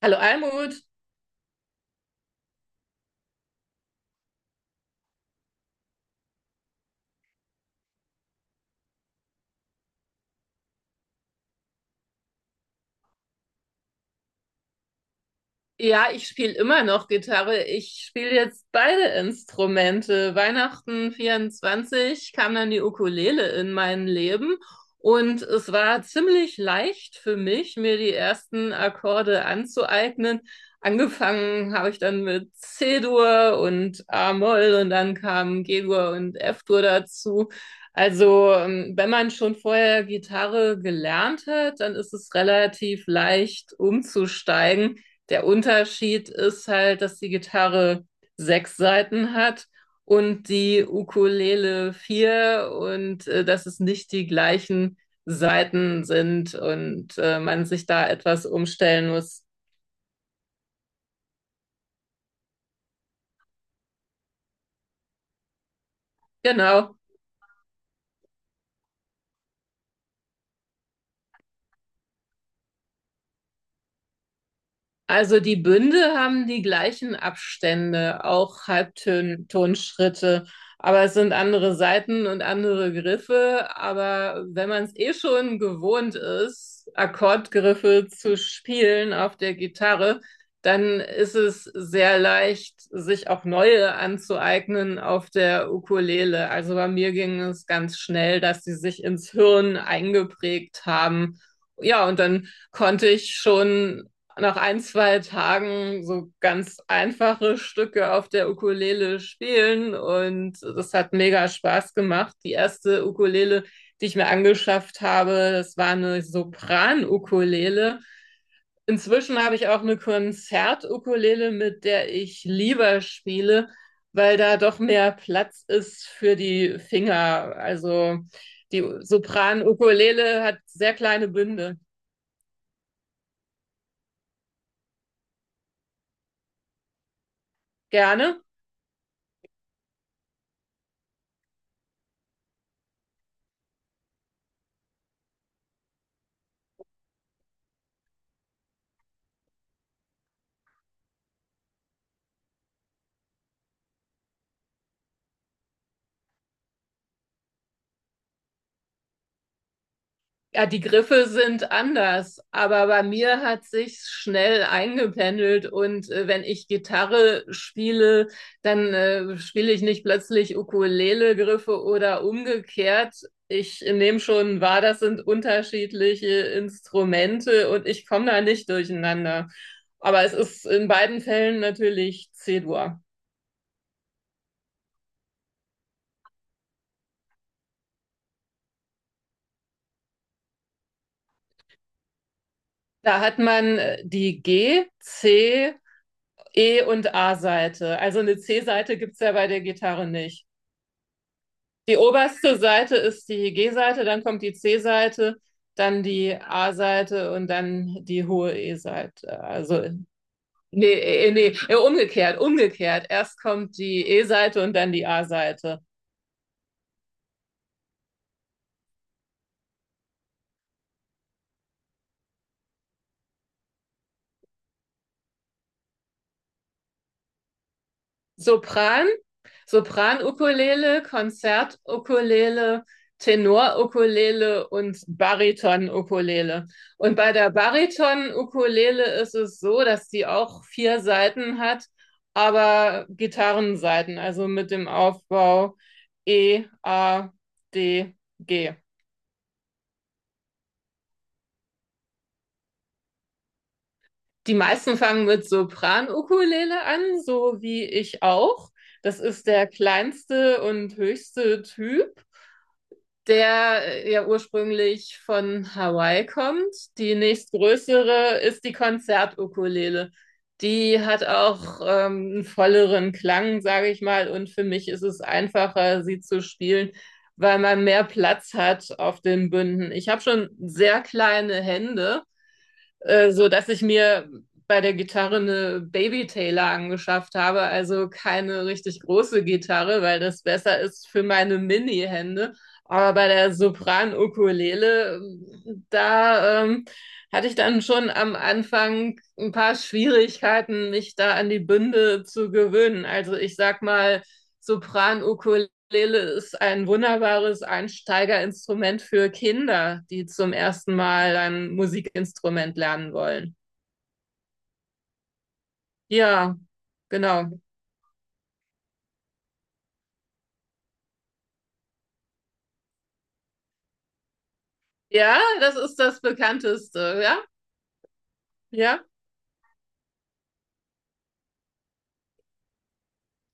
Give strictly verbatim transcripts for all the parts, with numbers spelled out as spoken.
Hallo Almut. Ja, ich spiele immer noch Gitarre. Ich spiele jetzt beide Instrumente. Weihnachten vierundzwanzig kam dann die Ukulele in mein Leben und es war ziemlich leicht für mich, mir die ersten Akkorde anzueignen. Angefangen habe ich dann mit C-Dur und A-Moll und dann kamen G-Dur und F-Dur dazu. Also, ähm, wenn man schon vorher Gitarre gelernt hat, dann ist es relativ leicht umzusteigen. Der Unterschied ist halt, dass die Gitarre sechs Saiten hat und die Ukulele vier und äh, dass es nicht die gleichen Saiten sind und äh, man sich da etwas umstellen muss. Genau. Also die Bünde haben die gleichen Abstände, auch Halbtonschritte, aber es sind andere Saiten und andere Griffe. Aber wenn man es eh schon gewohnt ist, Akkordgriffe zu spielen auf der Gitarre, dann ist es sehr leicht, sich auch neue anzueignen auf der Ukulele. Also bei mir ging es ganz schnell, dass sie sich ins Hirn eingeprägt haben. Ja, und dann konnte ich schon nach ein, zwei Tagen so ganz einfache Stücke auf der Ukulele spielen und das hat mega Spaß gemacht. Die erste Ukulele, die ich mir angeschafft habe, das war eine Sopran-Ukulele. Inzwischen habe ich auch eine Konzert-Ukulele, mit der ich lieber spiele, weil da doch mehr Platz ist für die Finger. Also die Sopran-Ukulele hat sehr kleine Bünde. Gerne. Ja, die Griffe sind anders, aber bei mir hat sich schnell eingependelt und äh, wenn ich Gitarre spiele, dann äh, spiele ich nicht plötzlich Ukulele-Griffe oder umgekehrt. Ich nehme schon wahr, das sind unterschiedliche Instrumente und ich komme da nicht durcheinander. Aber es ist in beiden Fällen natürlich C-Dur. Da hat man äh, die G, C, E und A-Seite. Also eine C-Seite gibt's ja bei der Gitarre nicht. Die oberste Seite ist die G-Seite, dann kommt die C-Seite, dann die A-Seite und dann die hohe E-Seite. Also, nee, äh, nee, äh, umgekehrt, umgekehrt. Erst kommt die E-Seite und dann die A-Seite. Sopran, Sopran-Ukulele, Konzert-Ukulele, Tenor-Ukulele und Bariton-Ukulele. Und bei der Bariton-Ukulele ist es so, dass die auch vier Saiten hat, aber Gitarrensaiten, also mit dem Aufbau E, A, D, G. Die meisten fangen mit Sopran-Ukulele an, so wie ich auch. Das ist der kleinste und höchste Typ, der äh, ja ursprünglich von Hawaii kommt. Die nächstgrößere ist die Konzertukulele. Die hat auch ähm, einen volleren Klang, sage ich mal, und für mich ist es einfacher, sie zu spielen, weil man mehr Platz hat auf den Bünden. Ich habe schon sehr kleine Hände, äh, so dass ich mir bei der Gitarre eine Baby Taylor angeschafft habe, also keine richtig große Gitarre, weil das besser ist für meine Mini-Hände. Aber bei der Sopran-Ukulele, da ähm, hatte ich dann schon am Anfang ein paar Schwierigkeiten, mich da an die Bünde zu gewöhnen. Also ich sag mal, Sopran-Ukulele Ukulele ist ein wunderbares Einsteigerinstrument für Kinder, die zum ersten Mal ein Musikinstrument lernen wollen. Ja, genau. Ja, das ist das bekannteste, ja? Ja.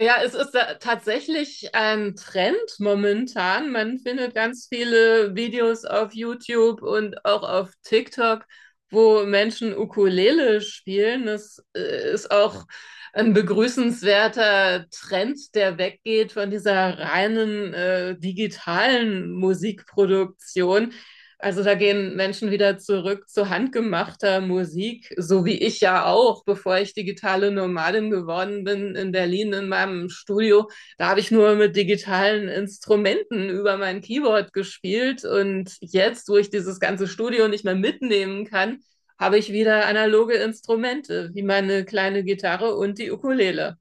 Ja, es ist da tatsächlich ein Trend momentan. Man findet ganz viele Videos auf YouTube und auch auf TikTok, wo Menschen Ukulele spielen. Das äh, ist auch ein begrüßenswerter Trend, der weggeht von dieser reinen äh, digitalen Musikproduktion, also da gehen Menschen wieder zurück zu handgemachter Musik, so wie ich ja auch, bevor ich digitale Nomadin geworden bin in Berlin in meinem Studio. Da habe ich nur mit digitalen Instrumenten über mein Keyboard gespielt und jetzt, wo ich dieses ganze Studio nicht mehr mitnehmen kann, habe ich wieder analoge Instrumente, wie meine kleine Gitarre und die Ukulele.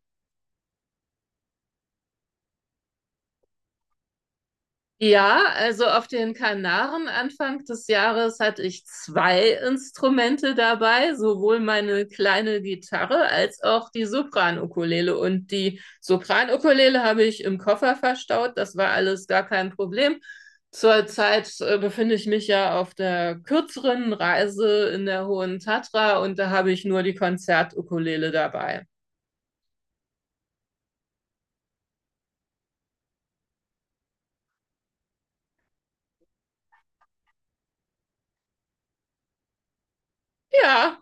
Ja, also auf den Kanaren Anfang des Jahres hatte ich zwei Instrumente dabei, sowohl meine kleine Gitarre als auch die Sopranukulele. Und die Sopranukulele habe ich im Koffer verstaut. Das war alles gar kein Problem. Zurzeit äh, befinde ich mich ja auf der kürzeren Reise in der Hohen Tatra und da habe ich nur die Konzertukulele dabei. Ja,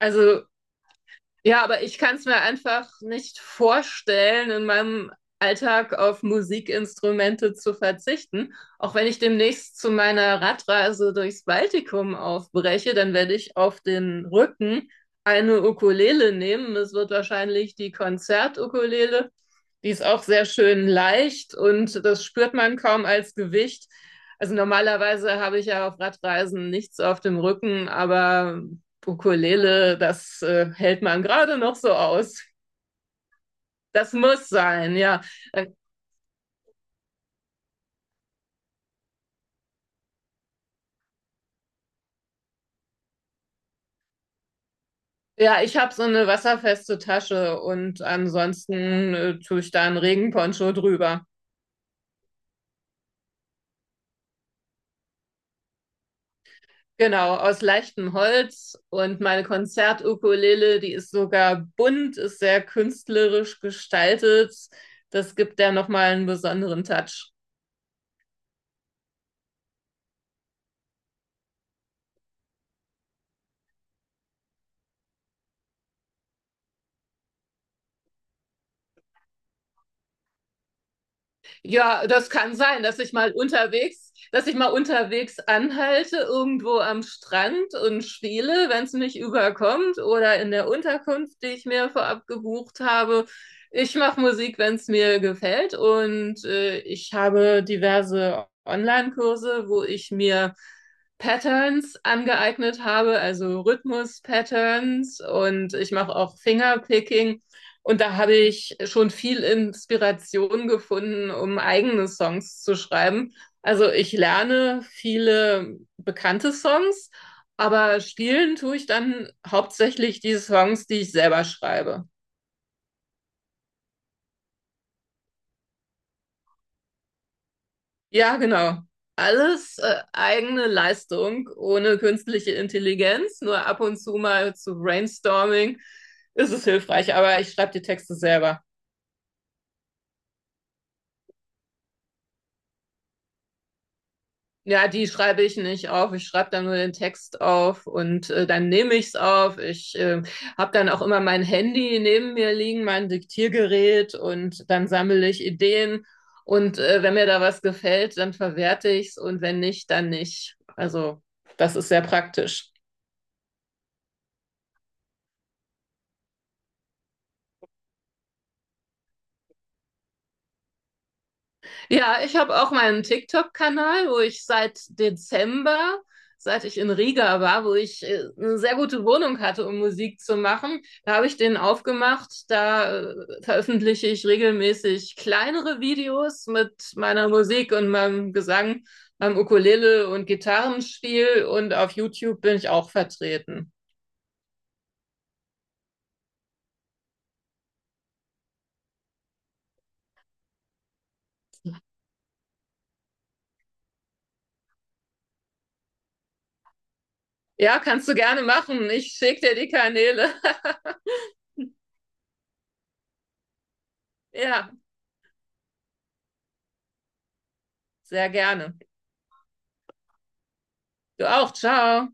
also Ja, aber ich kann es mir einfach nicht vorstellen, in meinem Alltag auf Musikinstrumente zu verzichten. Auch wenn ich demnächst zu meiner Radreise durchs Baltikum aufbreche, dann werde ich auf den Rücken eine Ukulele nehmen. Es wird wahrscheinlich die Konzertukulele. Die ist auch sehr schön leicht und das spürt man kaum als Gewicht. Also normalerweise habe ich ja auf Radreisen nichts auf dem Rücken, aber Ukulele, das äh, hält man gerade noch so aus. Das muss sein, ja. Äh, Ja, ich habe so eine wasserfeste Tasche und ansonsten äh, tue ich da einen Regenponcho drüber. Genau, aus leichtem Holz und meine Konzertukulele, die ist sogar bunt, ist sehr künstlerisch gestaltet. Das gibt der nochmal einen besonderen Touch. Ja, das kann sein, dass ich mal unterwegs, dass ich mal unterwegs anhalte, irgendwo am Strand und spiele, wenn es mich überkommt, oder in der Unterkunft, die ich mir vorab gebucht habe. Ich mache Musik, wenn es mir gefällt, und äh, ich habe diverse Online-Kurse, wo ich mir Patterns angeeignet habe, also Rhythmus-Patterns, und ich mache auch Fingerpicking. Und da habe ich schon viel Inspiration gefunden, um eigene Songs zu schreiben. Also ich lerne viele bekannte Songs, aber spielen tue ich dann hauptsächlich die Songs, die ich selber schreibe. Ja, genau. Alles äh, eigene Leistung, ohne künstliche Intelligenz, nur ab und zu mal zu Brainstorming ist es hilfreich, aber ich schreibe die Texte selber. Ja, die schreibe ich nicht auf. Ich schreibe dann nur den Text auf und äh, dann nehme ich es auf. Ich äh, habe dann auch immer mein Handy neben mir liegen, mein Diktiergerät und dann sammle ich Ideen. Und äh, wenn mir da was gefällt, dann verwerte ich es und wenn nicht, dann nicht. Also das ist sehr praktisch. Ja, ich habe auch meinen TikTok-Kanal, wo ich seit Dezember, seit ich in Riga war, wo ich äh, eine sehr gute Wohnung hatte, um Musik zu machen, da habe ich den aufgemacht. Da äh, veröffentliche ich regelmäßig kleinere Videos mit meiner Musik und meinem Gesang, meinem Ukulele und Gitarrenspiel und auf YouTube bin ich auch vertreten. Ja, kannst du gerne machen. Ich schicke dir die Kanäle. Ja, sehr gerne. Du auch. Ciao.